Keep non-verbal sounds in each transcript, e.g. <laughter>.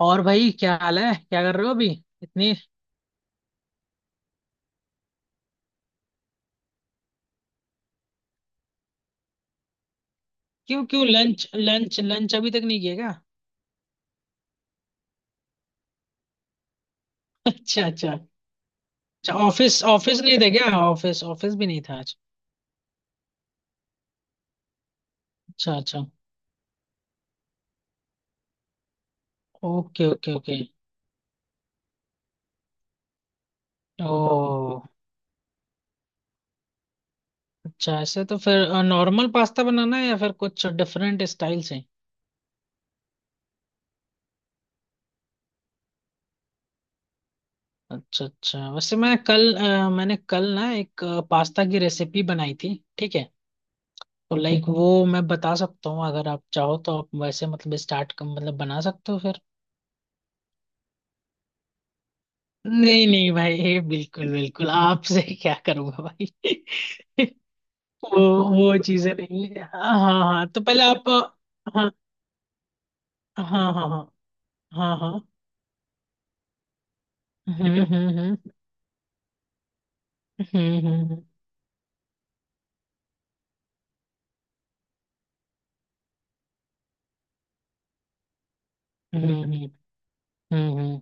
और भाई, क्या हाल है? क्या कर रहे हो अभी? इतनी क्यों क्यों लंच लंच लंच अभी तक नहीं किया क्या? <laughs> अच्छा अच्छा। अच्छा, ऑफिस ऑफिस नहीं था क्या? ऑफिस ऑफिस भी नहीं था आज? अच्छा अच्छा। Okay okay okay. ओ, अच्छा। ऐसे तो फिर नॉर्मल पास्ता बनाना है या फिर कुछ डिफरेंट स्टाइल से? अच्छा अच्छा। वैसे मैं कल मैंने कल ना एक पास्ता की रेसिपी बनाई थी, ठीक है? तो लाइक वो मैं बता सकता हूँ, अगर आप चाहो तो आप वैसे मतलब स्टार्ट मतलब बना सकते हो फिर। नहीं नहीं भाई, बिल्कुल बिल्कुल आपसे <laughs> क्या करूंगा भाई? <laughs> वो वो चीजें नहीं है। हाँ हाँ हाँ, तो पहले आप। हाँ हाँ हाँ हाँ हाँ हाँ। हम्म। हम्म हम्म। हम्म, हम्म।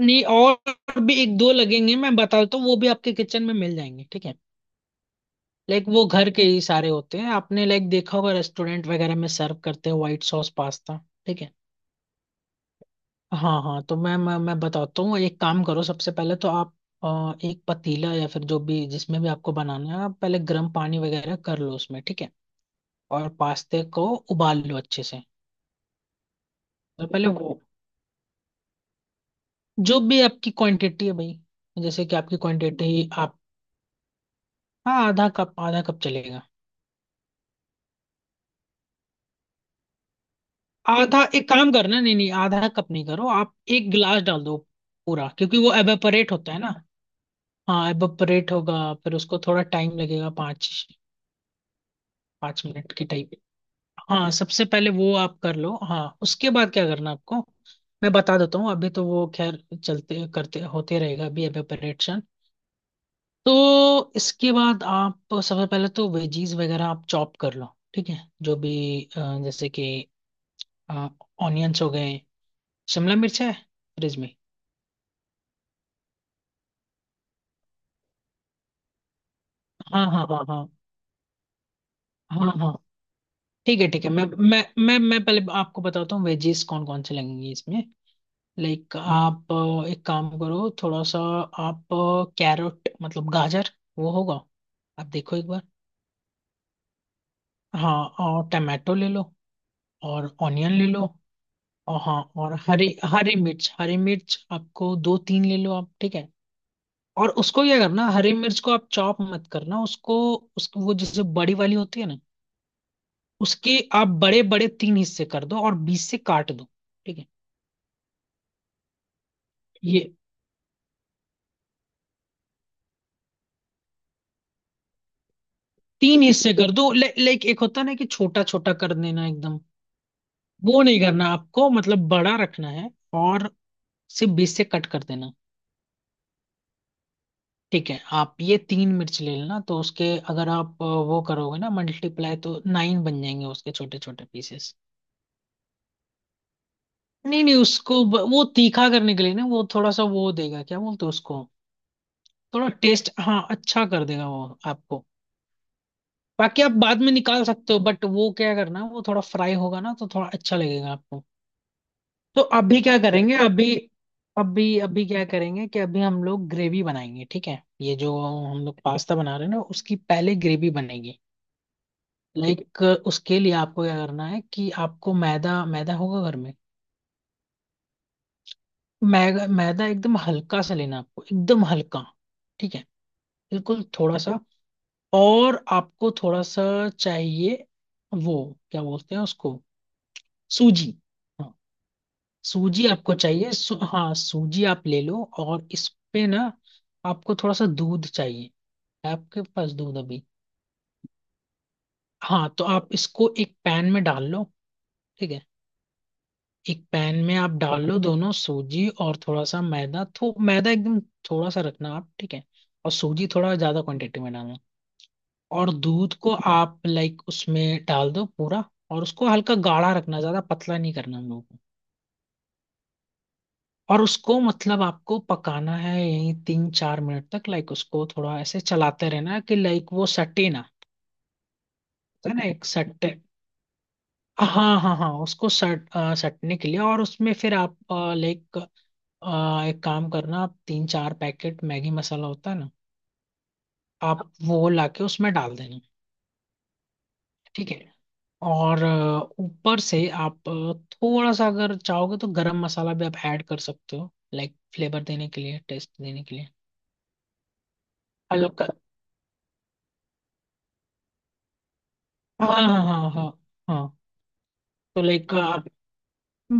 नहीं, और भी एक दो लगेंगे, मैं बता देता हूँ। वो भी आपके किचन में मिल जाएंगे, ठीक है? लाइक वो घर के ही सारे होते हैं, आपने लाइक देखा होगा रेस्टोरेंट वगैरह में सर्व करते हैं व्हाइट सॉस पास्ता। ठीक है, हाँ हाँ। तो मैं बताता हूँ, एक काम करो। सबसे पहले तो आप एक पतीला या फिर जो भी जिसमें भी आपको बनाना है, आप पहले गर्म पानी वगैरह कर लो उसमें, ठीक है? और पास्ते को उबाल लो अच्छे से। तो पहले वो जो भी आपकी क्वांटिटी है भाई, जैसे कि आपकी क्वांटिटी आप। हाँ, आधा कप, आधा कप चलेगा। आधा एक काम करना, नहीं नहीं, आधा कप नहीं करो, आप एक गिलास डाल दो पूरा, क्योंकि वो एवेपोरेट होता है ना। हाँ एवेपोरेट होगा, फिर उसको थोड़ा टाइम लगेगा, पाँच 5 मिनट की टाइप। हाँ सबसे पहले वो आप कर लो। हाँ उसके बाद क्या करना आपको, मैं बता देता हूँ। अभी तो वो खैर चलते करते होते रहेगा अभी अभी ऑपरेशन। तो इसके बाद आप सबसे पहले तो वेजीज वगैरह आप चॉप कर लो, ठीक है? जो भी जैसे कि ऑनियंस हो गए, शिमला मिर्च है फ्रिज में। हाँ हाँ हाँ हाँ हाँ हाँ। ठीक है ठीक है। मैं पहले आपको बताता हूँ वेजीज कौन कौन से लगेंगी इसमें। लाइक आप एक काम करो, थोड़ा सा आप कैरेट मतलब गाजर वो होगा, आप देखो एक बार। हाँ, और टमाटो ले लो। और ऑनियन ले लो। और हाँ, और हरी, हरी मिर्च। हरी मिर्च आपको दो तीन ले लो आप, ठीक है? और उसको क्या करना, हरी मिर्च को आप चॉप मत करना उसको। उसको वो जैसे बड़ी वाली होती है ना, उसके आप बड़े बड़े तीन हिस्से कर दो और बीच से काट दो, ठीक है? ये तीन हिस्से कर दो, लाइक एक होता है ना कि छोटा छोटा कर देना एकदम, वो नहीं करना आपको, मतलब बड़ा रखना है और सिर्फ बीच से कट कर देना। ठीक है, आप ये तीन मिर्च ले लेना। तो उसके अगर आप वो करोगे ना मल्टीप्लाई, तो नाइन बन जाएंगे उसके छोटे छोटे पीसेस। नहीं नहीं, उसको वो तीखा करने के लिए ना, वो थोड़ा सा वो देगा, क्या बोलते हैं उसको, थोड़ा टेस्ट, हाँ, अच्छा कर देगा वो आपको। बाकी आप बाद में निकाल सकते हो, बट वो क्या करना, वो थोड़ा फ्राई होगा ना तो थोड़ा अच्छा लगेगा। तो अभी क्या करेंगे अभी, अभी अभी क्या करेंगे कि अभी हम लोग ग्रेवी बनाएंगे, ठीक है? ये जो हम लोग पास्ता बना रहे हैं ना, उसकी पहले ग्रेवी बनेगी। लाइक उसके लिए आपको क्या करना है कि आपको मैदा, मैदा होगा घर में? मैदा, मैदा एकदम हल्का सा लेना आपको, एकदम हल्का, ठीक है? बिल्कुल थोड़ा सा। और आपको थोड़ा सा चाहिए वो, क्या बोलते हैं उसको, सूजी। सूजी आपको चाहिए। हाँ सूजी आप ले लो, और इस पे ना आपको थोड़ा सा दूध चाहिए। है आपके पास दूध अभी? हाँ, तो आप इसको एक पैन में डाल लो, ठीक है? एक पैन में आप डाल लो दोनों सूजी और थोड़ा सा मैदा। तो मैदा एकदम थोड़ा सा रखना आप, ठीक है? और सूजी थोड़ा ज्यादा क्वांटिटी में डालना। और दूध को आप लाइक उसमें डाल दो पूरा, और उसको हल्का गाढ़ा रखना, ज्यादा पतला नहीं करना हम लोगों। और उसको मतलब आपको पकाना है यही 3-4 मिनट तक। लाइक उसको थोड़ा ऐसे चलाते रहना है कि लाइक वो सटे ना। है ना, एक सट्टे। हाँ हाँ हाँ, उसको सटने के लिए। और उसमें फिर आप लाइक एक काम करना, आप तीन चार पैकेट मैगी मसाला होता है ना, आप वो लाके उसमें डाल देना, ठीक है? और ऊपर से आप थोड़ा सा अगर चाहोगे तो गरम मसाला भी आप ऐड कर सकते हो, लाइक फ्लेवर देने के लिए, टेस्ट देने के लिए। हल्का, हाँ हाँ हाँ हाँ हाँ। तो लाइक आप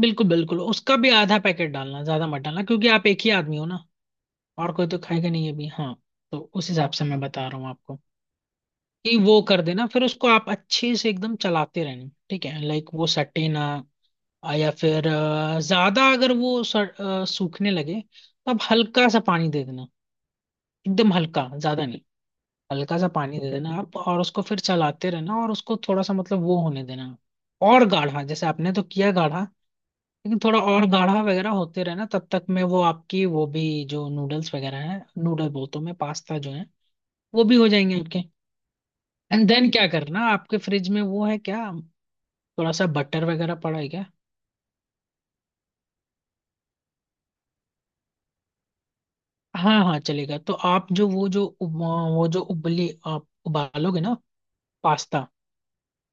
बिल्कुल बिल्कुल उसका भी आधा पैकेट डालना, ज्यादा मत डालना क्योंकि आप एक ही आदमी हो ना, और कोई तो खाएगा नहीं अभी, हाँ। तो उस हिसाब से मैं बता रहा हूँ आपको, कि वो कर देना, फिर उसको आप अच्छे से एकदम चलाते रहना, ठीक है, लाइक वो सटे ना। या फिर ज्यादा अगर वो सूखने लगे तो आप हल्का सा पानी दे देना। एकदम हल्का, ज्यादा नहीं। हल्का सा पानी दे देना आप, और उसको फिर चलाते रहना और उसको थोड़ा सा मतलब वो होने देना। और गाढ़ा, जैसे आपने तो किया गाढ़ा, लेकिन थोड़ा और गाढ़ा वगैरह होते रहे ना, तब तक में वो आपकी वो भी जो नूडल्स वगैरह हैं, नूडल बोलता हूँ मैं, पास्ता जो है, वो भी हो जाएंगे आपके। एंड देन क्या करना, आपके फ्रिज में वो है क्या, थोड़ा सा बटर वगैरह पड़ा है क्या? हाँ हाँ चलेगा। तो आप जो वो जो वो जो उबली, आप उबालोगे ना पास्ता,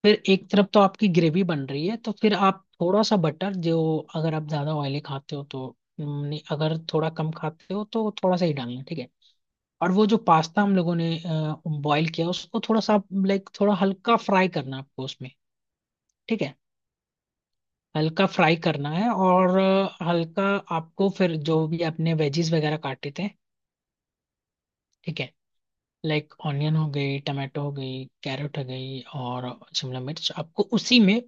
फिर एक तरफ तो आपकी ग्रेवी बन रही है, तो फिर आप थोड़ा सा बटर जो, अगर आप ज्यादा ऑयली खाते हो तो नहीं, अगर थोड़ा कम खाते हो तो थोड़ा सा ही डालना, ठीक है? और वो जो पास्ता हम लोगों ने बॉईल किया, उसको थोड़ा सा लाइक थोड़ा हल्का फ्राई करना है आपको उसमें, ठीक है? हल्का फ्राई करना है। और हल्का आपको फिर जो भी आपने वेजीज वगैरह काटे थे, ठीक है, लाइक ऑनियन हो गई, टमाटो हो गई, कैरेट हो गई, और शिमला मिर्च, आपको उसी में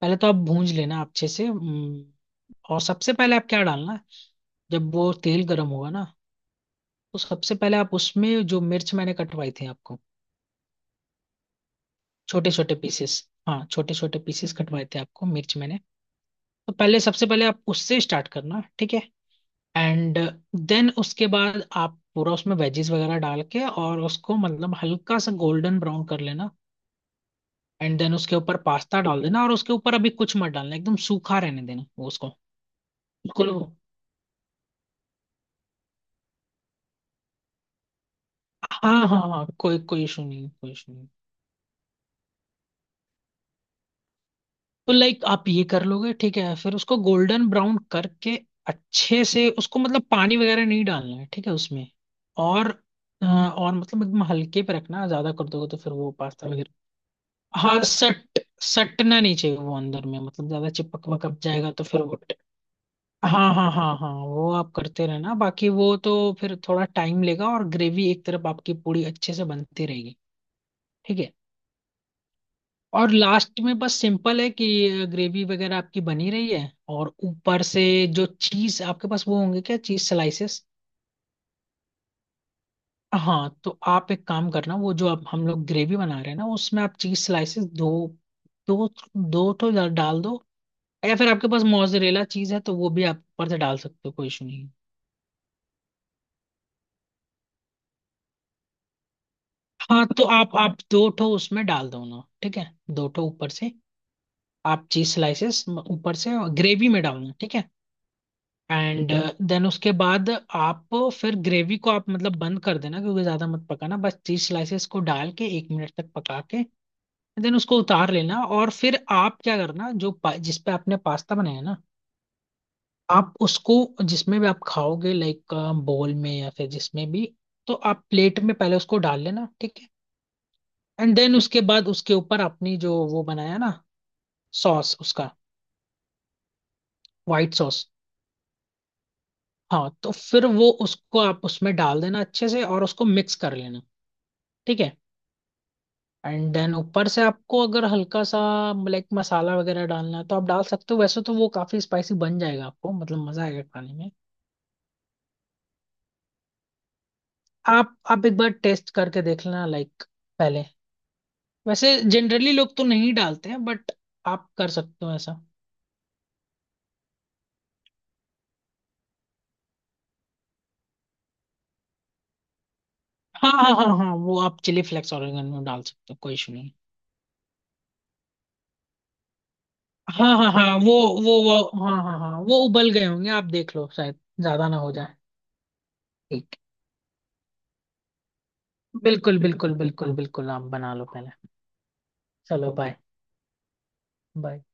पहले तो आप भूंज लेना अच्छे से। और सबसे पहले आप क्या डालना है, जब वो तेल गर्म होगा ना, तो सबसे पहले आप उसमें जो मिर्च मैंने कटवाई थी आपको, छोटे छोटे पीसेस। हाँ, छोटे छोटे पीसेस कटवाए थे आपको मिर्च मैंने, तो पहले सबसे पहले आप उससे स्टार्ट करना, ठीक है? एंड देन उसके बाद आप पूरा उसमें वेजीज वगैरह डाल के और उसको मतलब हल्का सा गोल्डन ब्राउन कर लेना। एंड देन उसके ऊपर पास्ता डाल देना और उसके ऊपर अभी कुछ मत डालना, एकदम सूखा रहने देना वो उसको। बिल्कुल। हाँ हाँ हाँ, कोई कोई इशू नहीं है, कोई इशू। तो लाइक आप ये कर लोगे, ठीक है? फिर उसको गोल्डन ब्राउन करके अच्छे से उसको, मतलब पानी वगैरह नहीं डालना है, ठीक है उसमें। और और मतलब एकदम हल्के पे रखना, ज्यादा कर दोगे तो फिर वो पास्ता वगैरह। हाँ, सट सटना नहीं चाहिए वो, अंदर में, मतलब ज्यादा चिपक वपक जाएगा तो फिर वो। हाँ हाँ हाँ हाँ, वो आप करते रहना, बाकी वो तो फिर थोड़ा टाइम लेगा और ग्रेवी एक तरफ आपकी पूरी अच्छे से बनती रहेगी, ठीक है? और लास्ट में बस सिंपल है कि ग्रेवी वगैरह आपकी बनी रही है और ऊपर से जो चीज आपके पास वो होंगे क्या, चीज स्लाइसेस? हाँ तो आप एक काम करना, वो जो अब हम लोग ग्रेवी बना रहे हैं ना, उसमें आप चीज स्लाइसेस दो, दो, दो तो डाल दो। या फिर आपके पास मोजरेला चीज है तो वो भी आप ऊपर से डाल सकते हो, कोई इशू नहीं है। हाँ तो आप दो ठो उसमें डाल दो ना, ठीक है? दो ठो ऊपर से आप चीज स्लाइसेस ऊपर से ग्रेवी में डालना, ठीक है? एंड देन उसके बाद आप फिर ग्रेवी को आप मतलब बंद कर देना क्योंकि ज्यादा मत पकाना, बस चीज स्लाइसेस को डाल के 1 मिनट तक पका के देन उसको उतार लेना। और फिर आप क्या करना, जो जिस पे आपने पास्ता बनाया ना, आप उसको जिसमें भी आप खाओगे, लाइक बोल में या फिर जिसमें भी, तो आप प्लेट में पहले उसको डाल लेना, ठीक है? एंड देन उसके बाद उसके ऊपर अपनी जो वो बनाया ना, सॉस उसका, व्हाइट सॉस। हाँ, तो फिर वो उसको आप उसमें डाल देना अच्छे से और उसको मिक्स कर लेना, ठीक है? एंड देन ऊपर से आपको अगर हल्का सा लाइक मसाला वगैरह डालना है तो आप डाल सकते हो, वैसे तो वो काफी स्पाइसी बन जाएगा आपको, मतलब मजा आएगा खाने में। आप एक बार टेस्ट करके देख लेना लाइक, पहले वैसे जनरली लोग तो नहीं डालते हैं बट आप कर सकते हो ऐसा। हाँ हाँ हाँ हाँ, वो आप चिली फ्लेक्स ऑरिगेनो में डाल सकते हो, कोई इशू नहीं। हाँ हाँ हाँ, वो हाँ हाँ हाँ, वो उबल गए होंगे, आप देख लो, शायद ज्यादा ना हो जाए। ठीक, बिल्कुल बिल्कुल बिल्कुल बिल्कुल आप बना लो पहले। चलो बाय बाय।